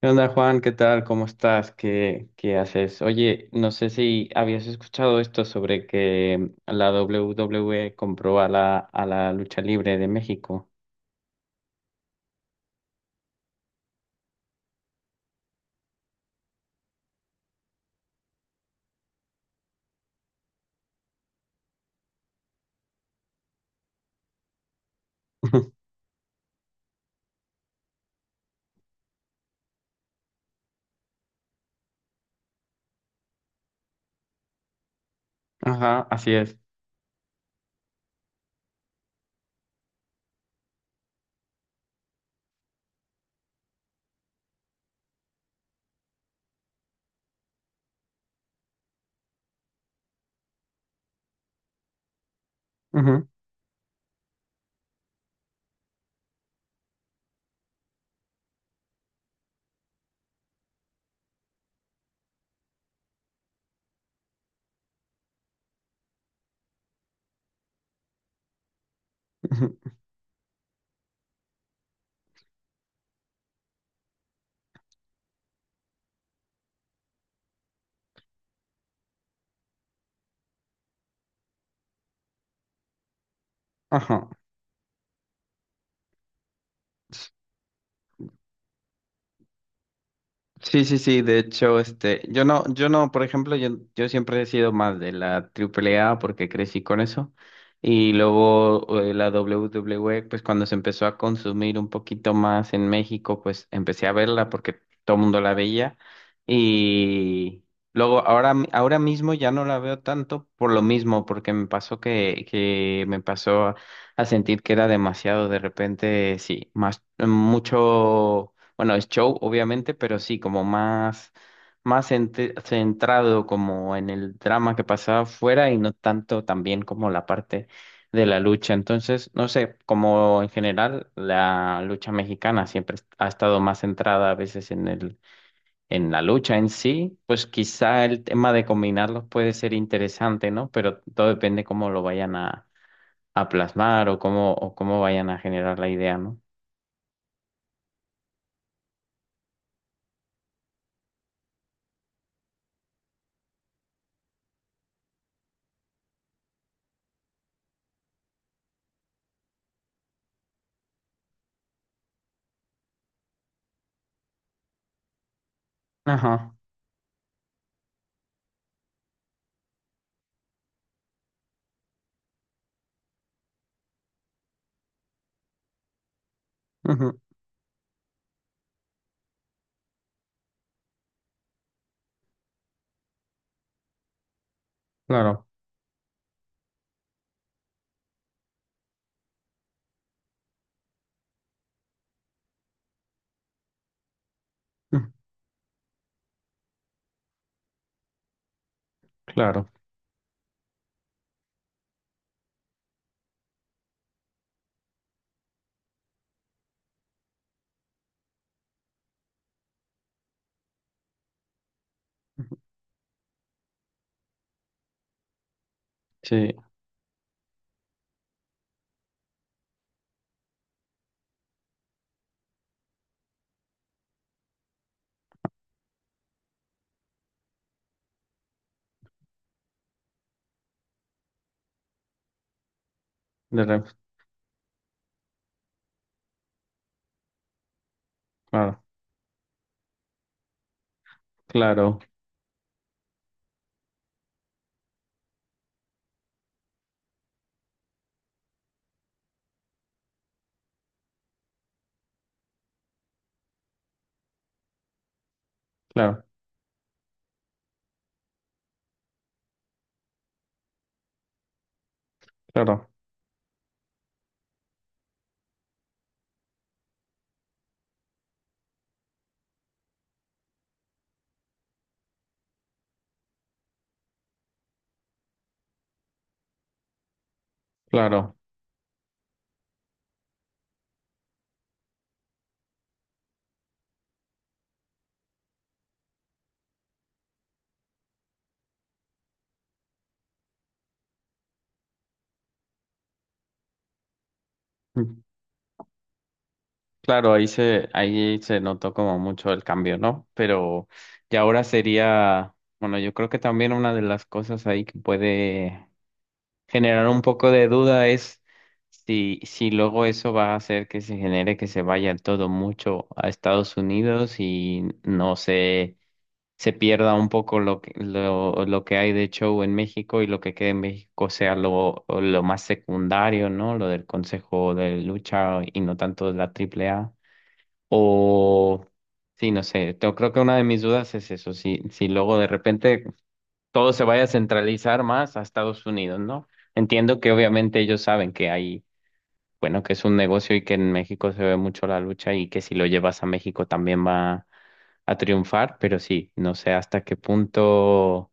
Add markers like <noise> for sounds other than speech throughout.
¿Qué onda, Juan? ¿Qué tal? ¿Cómo estás? ¿Qué haces? Oye, no sé si habías escuchado esto sobre que la WWE compró a la lucha libre de México. <laughs> Ajá, así es. Ujú, ujú. Ajá. Sí, sí, sí, de hecho, yo no, yo no, por ejemplo, yo siempre he sido más de la AAA porque crecí con eso. Y luego la WWE, pues cuando se empezó a consumir un poquito más en México, pues empecé a verla porque todo el mundo la veía. Y luego ahora, ahora mismo ya no la veo tanto por lo mismo, porque me pasó que me pasó a sentir que era demasiado de repente, sí, más, mucho. Bueno, es show, obviamente, pero sí, como más centrado como en el drama que pasaba afuera y no tanto también como la parte de la lucha. Entonces, no sé, como en general la lucha mexicana siempre ha estado más centrada a veces en la lucha en sí, pues quizá el tema de combinarlos puede ser interesante, ¿no? Pero todo depende cómo lo vayan a plasmar o o cómo vayan a generar la idea, ¿no? Ajá, ujú, claro, ujú, claro. Sí, de rep, claro, claro, claro, claro, claro. Mm, Claro, ahí ahí se notó como mucho el cambio, ¿no? Pero ya ahora sería, bueno, yo creo que también una de las cosas ahí que puede generar un poco de duda es si, si luego eso va a hacer que se genere que se vaya todo mucho a Estados Unidos y no sé, se pierda un poco lo lo que hay de show en México y lo que quede en México sea lo más secundario, ¿no? Lo del Consejo de Lucha y no tanto de la Triple A. O, sí, no sé, yo creo que una de mis dudas es eso, si, si luego de repente todo se vaya a centralizar más a Estados Unidos, ¿no? Entiendo que obviamente ellos saben que hay, bueno, que es un negocio y que en México se ve mucho la lucha y que si lo llevas a México también va a triunfar, pero sí, no sé hasta qué punto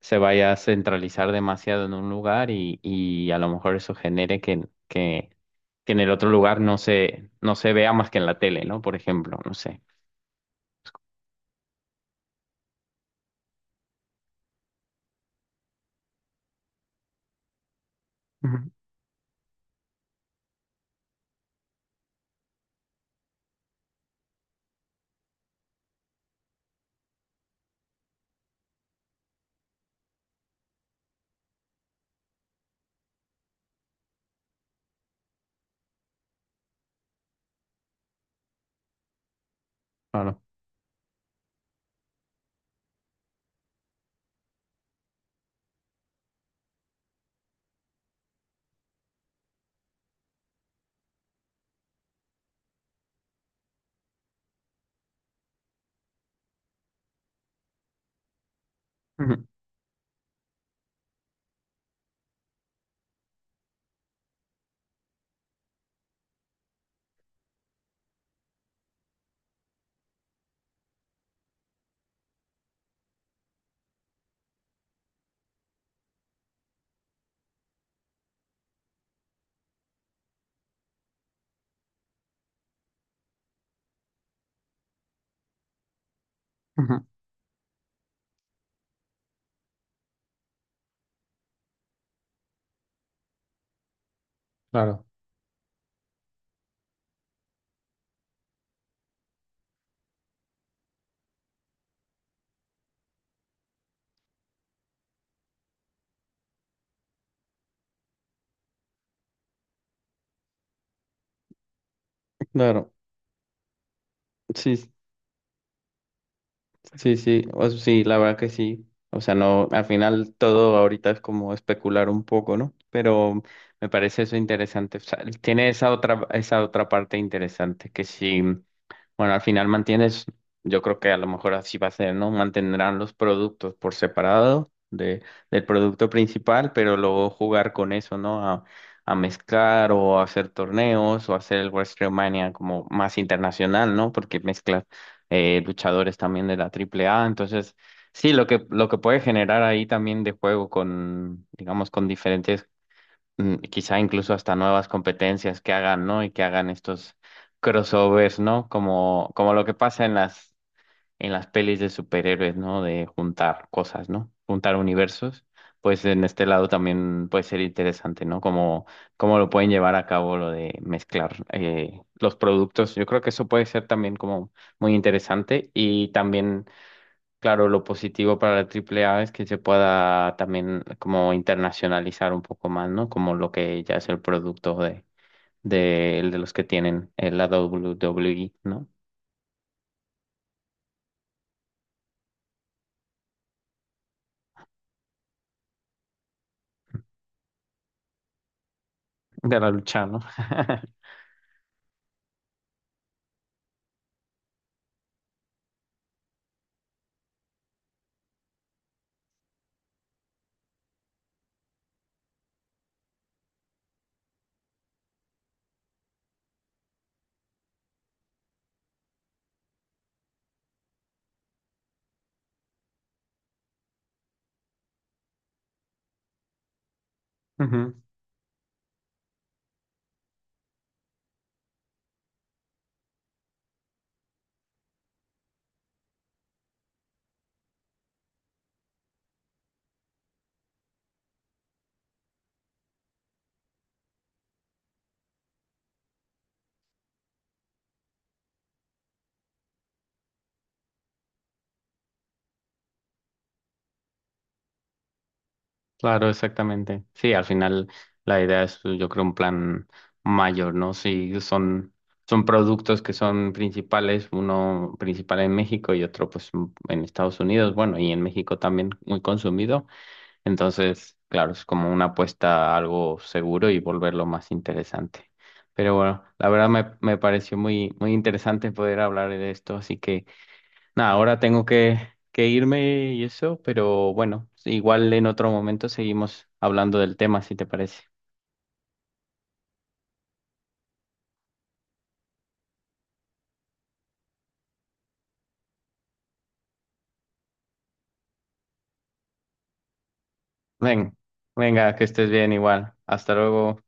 se vaya a centralizar demasiado en un lugar y a lo mejor eso genere que en el otro lugar no no se vea más que en la tele, ¿no? Por ejemplo, no sé. Ujú, claro, ujú, ujú, claro, claro. Sí, sí, sí. O sea, sí, la verdad que sí. O sea, no, al final todo ahorita es como especular un poco, ¿no? Pero me parece eso interesante. O sea, tiene esa otra parte interesante que sí. Bueno, al final mantienes, yo creo que a lo mejor así va a ser, ¿no? Mantendrán los productos por separado de, del producto principal, pero luego jugar con eso, ¿no? A mezclar o hacer torneos o hacer el WrestleMania como más internacional, ¿no? Porque mezclas luchadores también de la Triple A. Entonces, sí, lo lo que puede generar ahí también de juego con, digamos, con diferentes mm, quizá incluso hasta nuevas competencias que hagan, ¿no? Y que hagan estos crossovers, ¿no? Como, como lo que pasa en en las pelis de superhéroes, ¿no? De juntar cosas, ¿no? Juntar universos. Pues en este lado también puede ser interesante, ¿no? Como, cómo lo pueden llevar a cabo lo de mezclar los productos. Yo creo que eso puede ser también como muy interesante y también claro, lo positivo para la Triple A es que se pueda también como internacionalizar un poco más, ¿no? Como lo que ya es el producto de los que tienen la WWE, ¿no? De la lucha, ¿no? <laughs> Ujú, claro, exactamente. Sí, al final la idea es, pues, yo creo, un plan mayor, ¿no? Si son, son productos que son principales, uno principal en México y otro pues en Estados Unidos, bueno, y en México también muy consumido. Entonces, claro, es como una apuesta a algo seguro y volverlo más interesante. Pero bueno, la verdad me pareció muy, muy interesante poder hablar de esto, así que nada, ahora tengo que irme y eso, pero bueno, igual en otro momento seguimos hablando del tema, si te parece. Ven, venga, que estés bien igual. Hasta luego.